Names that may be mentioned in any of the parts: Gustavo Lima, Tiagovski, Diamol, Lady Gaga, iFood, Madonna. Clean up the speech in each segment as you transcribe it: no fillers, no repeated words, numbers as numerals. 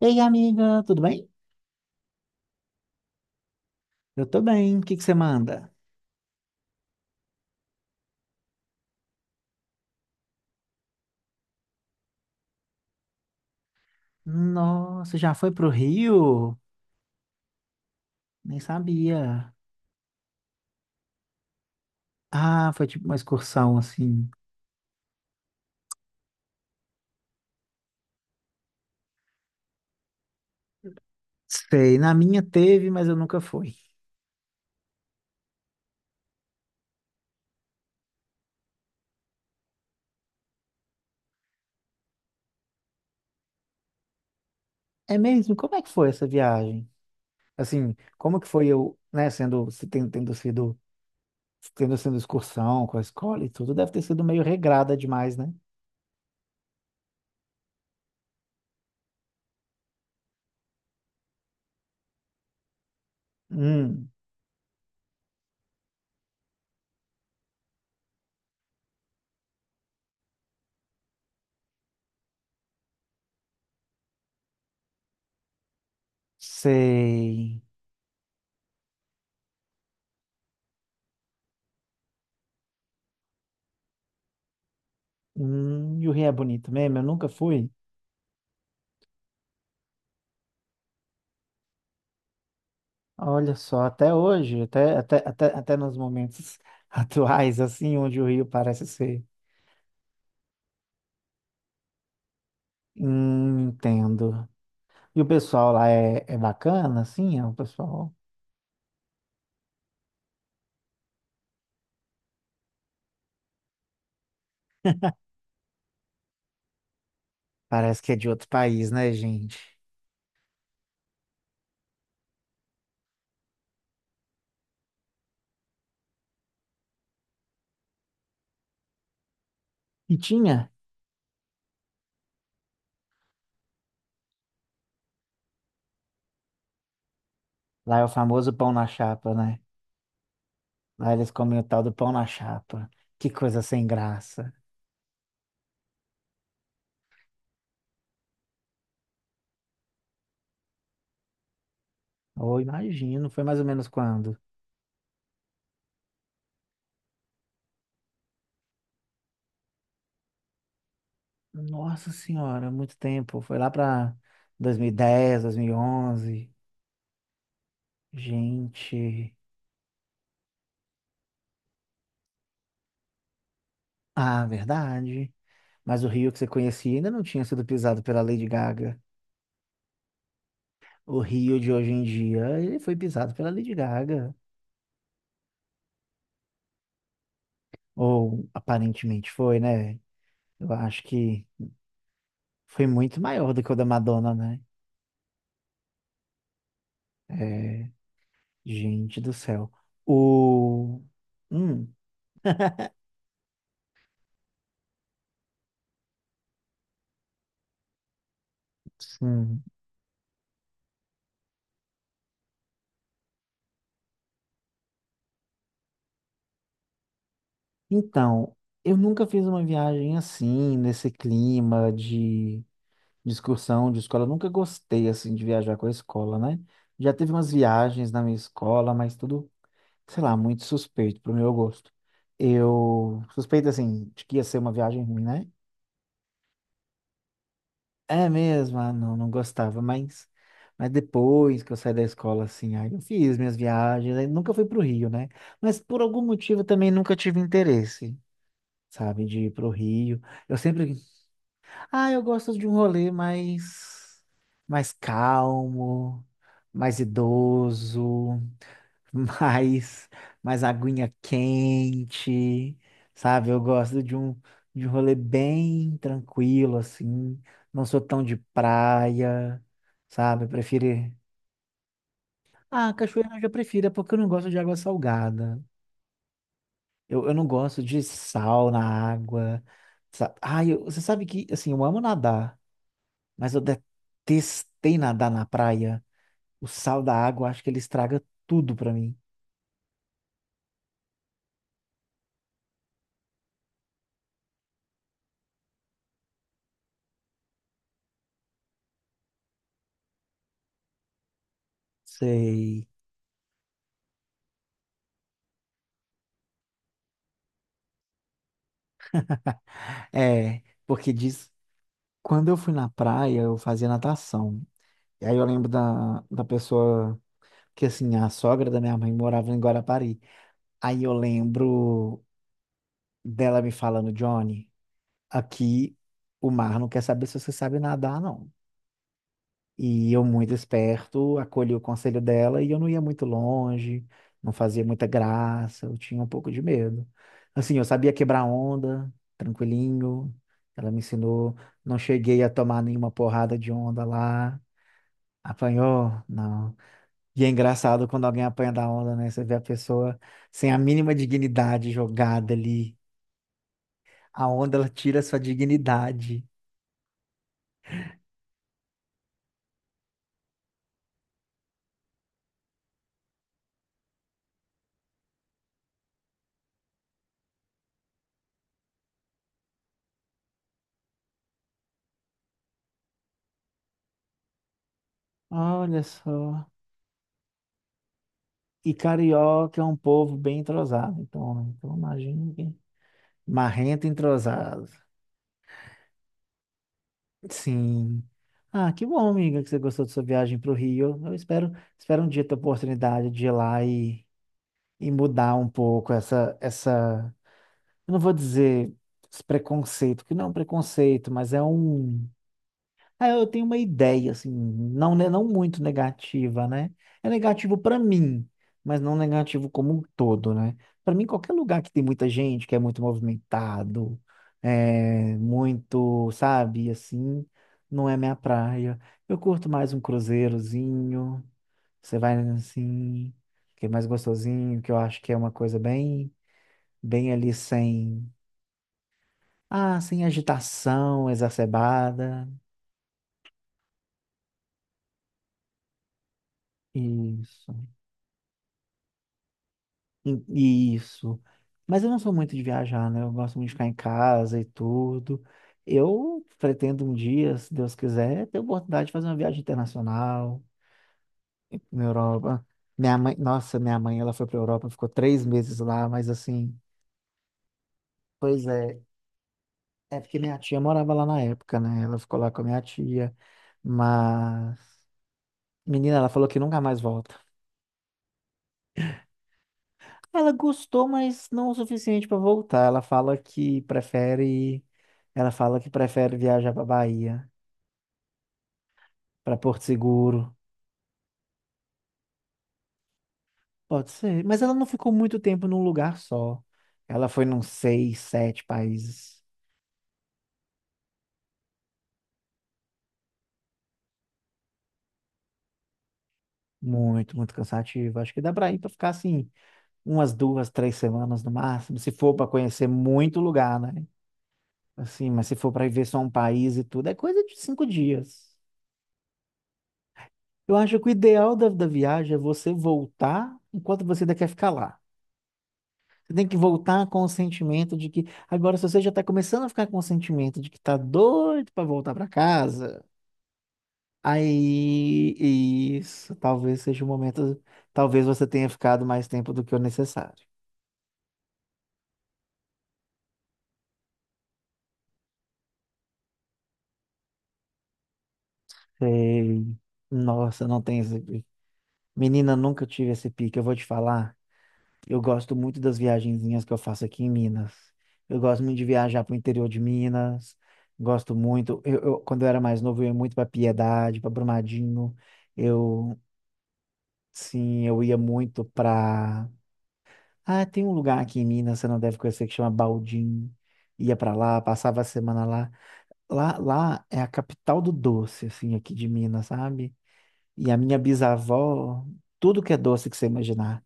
Ei, amiga, tudo bem? Eu tô bem. O que que você manda? Nossa, já foi pro Rio? Nem sabia. Ah, foi tipo uma excursão assim. Sei, na minha teve, mas eu nunca fui. É mesmo? Como é que foi essa viagem? Assim, como que foi eu, né, sendo, se ten- tendo sido excursão com a escola e tudo, deve ter sido meio regrada demais, né? Hum, sei. E o Rio é bonito mesmo? Eu nunca fui. Olha só, até hoje, até nos momentos atuais, assim, onde o Rio parece ser. Entendo. E o pessoal lá é, é bacana, assim, é o pessoal parece que é de outro país, né, gente? E tinha, lá é o famoso pão na chapa, né? Lá eles comem o tal do pão na chapa. Que coisa sem graça. Oh, imagino, foi mais ou menos quando? Nossa Senhora, muito tempo. Foi lá para 2010, onze, gente. Ah, verdade. Mas o Rio que você conhecia ainda não tinha sido pisado pela Lady Gaga. O Rio de hoje em dia, ele foi pisado pela Lady Gaga. Ou aparentemente foi, né? Eu acho que foi muito maior do que o da Madonna, né? É, gente do céu. O. Hum, sim. Então, eu nunca fiz uma viagem assim, nesse clima de excursão de escola. Eu nunca gostei, assim, de viajar com a escola, né? Já teve umas viagens na minha escola, mas tudo, sei lá, muito suspeito pro meu gosto. Eu suspeito, assim, de que ia ser uma viagem ruim, né? É mesmo, ah, não, não gostava, mas depois que eu saí da escola, assim, aí eu fiz minhas viagens, aí nunca fui pro Rio, né? Mas por algum motivo eu também nunca tive interesse, sabe, de ir pro Rio. Eu sempre ah, eu gosto de um rolê mais, mais calmo, mais idoso, mais, mais aguinha quente, sabe? Eu gosto de de um rolê bem tranquilo, assim. Não sou tão de praia, sabe? Eu prefiro. Ah, cachoeira eu já prefiro, é porque eu não gosto de água salgada. Eu não gosto de sal na água. Ah, você sabe que, assim, eu amo nadar. Mas eu detestei nadar na praia. O sal da água, acho que ele estraga tudo pra mim. Sei. É, porque diz, quando eu fui na praia, eu fazia natação. E aí eu lembro da pessoa que, assim, a sogra da minha mãe morava em Guarapari. Aí eu lembro dela me falando, Johnny, aqui o mar não quer saber se você sabe nadar, não. E eu, muito esperto, acolhi o conselho dela e eu não ia muito longe, não fazia muita graça, eu tinha um pouco de medo. Assim, eu sabia quebrar onda, tranquilinho. Ela me ensinou, não cheguei a tomar nenhuma porrada de onda lá. Apanhou? Não. E é engraçado quando alguém apanha da onda, né? Você vê a pessoa sem a mínima dignidade jogada ali. A onda, ela tira a sua dignidade. Olha só. E carioca é um povo bem entrosado, então, então imagino que... Marrento e entrosado. Sim. Ah, que bom, amiga, que você gostou da sua viagem para o Rio. Eu espero, espero um dia ter a oportunidade de ir lá e mudar um pouco eu não vou dizer esse preconceito, que não é um preconceito, mas é um, ah, eu tenho uma ideia, assim, não, né, não muito negativa, né? É negativo para mim, mas não negativo como um todo, né? Para mim, qualquer lugar que tem muita gente, que é muito movimentado, é muito, sabe, assim, não é minha praia. Eu curto mais um cruzeirozinho, você vai assim, que é mais gostosinho, que eu acho que é uma coisa bem, bem ali sem, ah, sem agitação exacerbada. Isso. E- isso. Mas eu não sou muito de viajar, né? Eu gosto muito de ficar em casa e tudo. Eu pretendo um dia, se Deus quiser, ter a oportunidade de fazer uma viagem internacional na Europa. Minha mãe, nossa, minha mãe, ela foi para Europa, ficou 3 meses lá, mas assim, pois é, é porque minha tia morava lá na época, né? Ela ficou lá com a minha tia, mas menina, ela falou que nunca mais volta. Ela gostou, mas não o suficiente para voltar. Ela fala que prefere, ela fala que prefere viajar para Bahia, para Porto Seguro. Pode ser, mas ela não ficou muito tempo num lugar só. Ela foi num seis, sete países. Muito, muito cansativo. Acho que dá para ir para ficar assim umas 2, 3 semanas no máximo, se for para conhecer muito lugar, né? Assim, mas se for para ver só um país e tudo, é coisa de 5 dias. Eu acho que o ideal da viagem é você voltar enquanto você ainda quer ficar lá. Você tem que voltar com o sentimento de que. Agora, se você já está começando a ficar com o sentimento de que tá doido para voltar para casa, aí isso talvez seja o momento. Talvez você tenha ficado mais tempo do que o necessário. Sei. Nossa, não tem esse pique. Menina, nunca tive esse pique. Eu vou te falar. Eu gosto muito das viagenzinhas que eu faço aqui em Minas. Eu gosto muito de viajar para o interior de Minas. Gosto muito. Eu, quando eu era mais novo, eu ia muito para Piedade, para Brumadinho. Eu sim, eu ia muito pra. Ah, tem um lugar aqui em Minas, você não deve conhecer, que chama Baldim. Ia pra lá, passava a semana lá. Lá, lá é a capital do doce, assim, aqui de Minas, sabe? E a minha bisavó, tudo que é doce que você imaginar.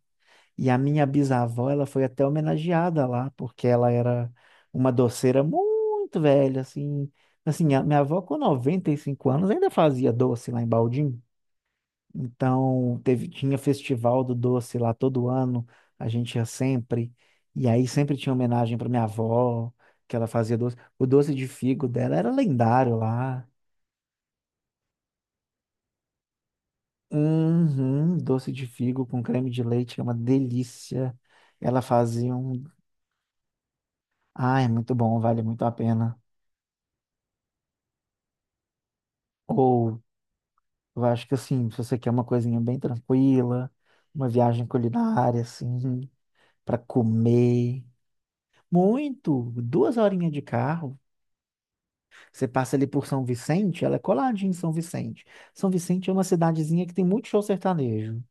E a minha bisavó, ela foi até homenageada lá, porque ela era uma doceira muito velha, assim. Assim, a minha avó com 95 anos ainda fazia doce lá em Baldim. Então, teve, tinha festival do doce lá todo ano, a gente ia sempre. E aí sempre tinha homenagem para minha avó, que ela fazia doce. O doce de figo dela era lendário lá. Uhum, doce de figo com creme de leite, que é uma delícia. Ela fazia um. Ah, é muito bom, vale muito a pena. Ou, eu acho que assim, se você quer uma coisinha bem tranquila, uma viagem culinária, assim, para comer. Muito, duas horinhas de carro. Você passa ali por São Vicente, ela é coladinha em São Vicente. São Vicente é uma cidadezinha que tem muito show sertanejo.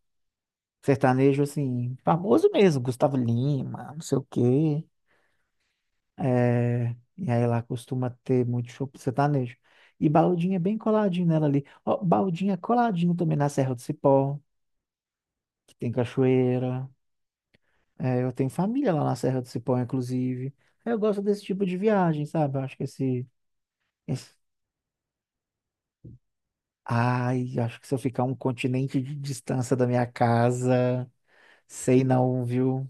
Sertanejo, assim, famoso mesmo, Gustavo Lima, não sei o quê. É, e aí lá costuma ter muito show sertanejo. E Baldinha é bem coladinho nela ali. Ó, Baldinha é coladinho também na Serra do Cipó, que tem cachoeira. É, eu tenho família lá na Serra do Cipó, inclusive. Aí eu gosto desse tipo de viagem, sabe? Eu acho que esse ai, acho que se eu ficar um continente de distância da minha casa, sei não, viu?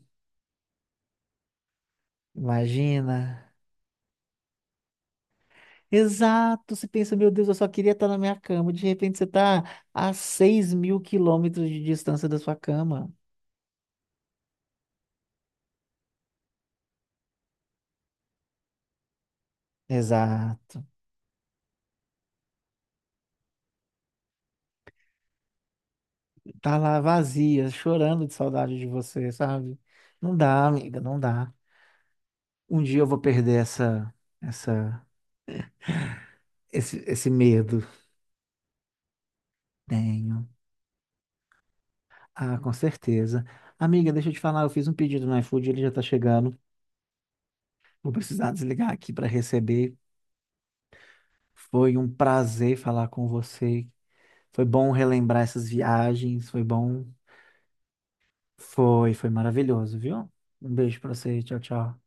Imagina. Exato, você pensa, meu Deus, eu só queria estar na minha cama. De repente você está a 6.000 quilômetros de distância da sua cama. Exato. Tá lá vazia, chorando de saudade de você, sabe? Não dá, amiga, não dá. Um dia eu vou perder essa, essa, esse medo. Tenho. Ah, com certeza. Amiga, deixa eu te falar, eu fiz um pedido no iFood, ele já tá chegando. Vou precisar desligar aqui para receber. Foi um prazer falar com você. Foi bom relembrar essas viagens. Foi bom. Foi maravilhoso, viu? Um beijo para você. Tchau, tchau.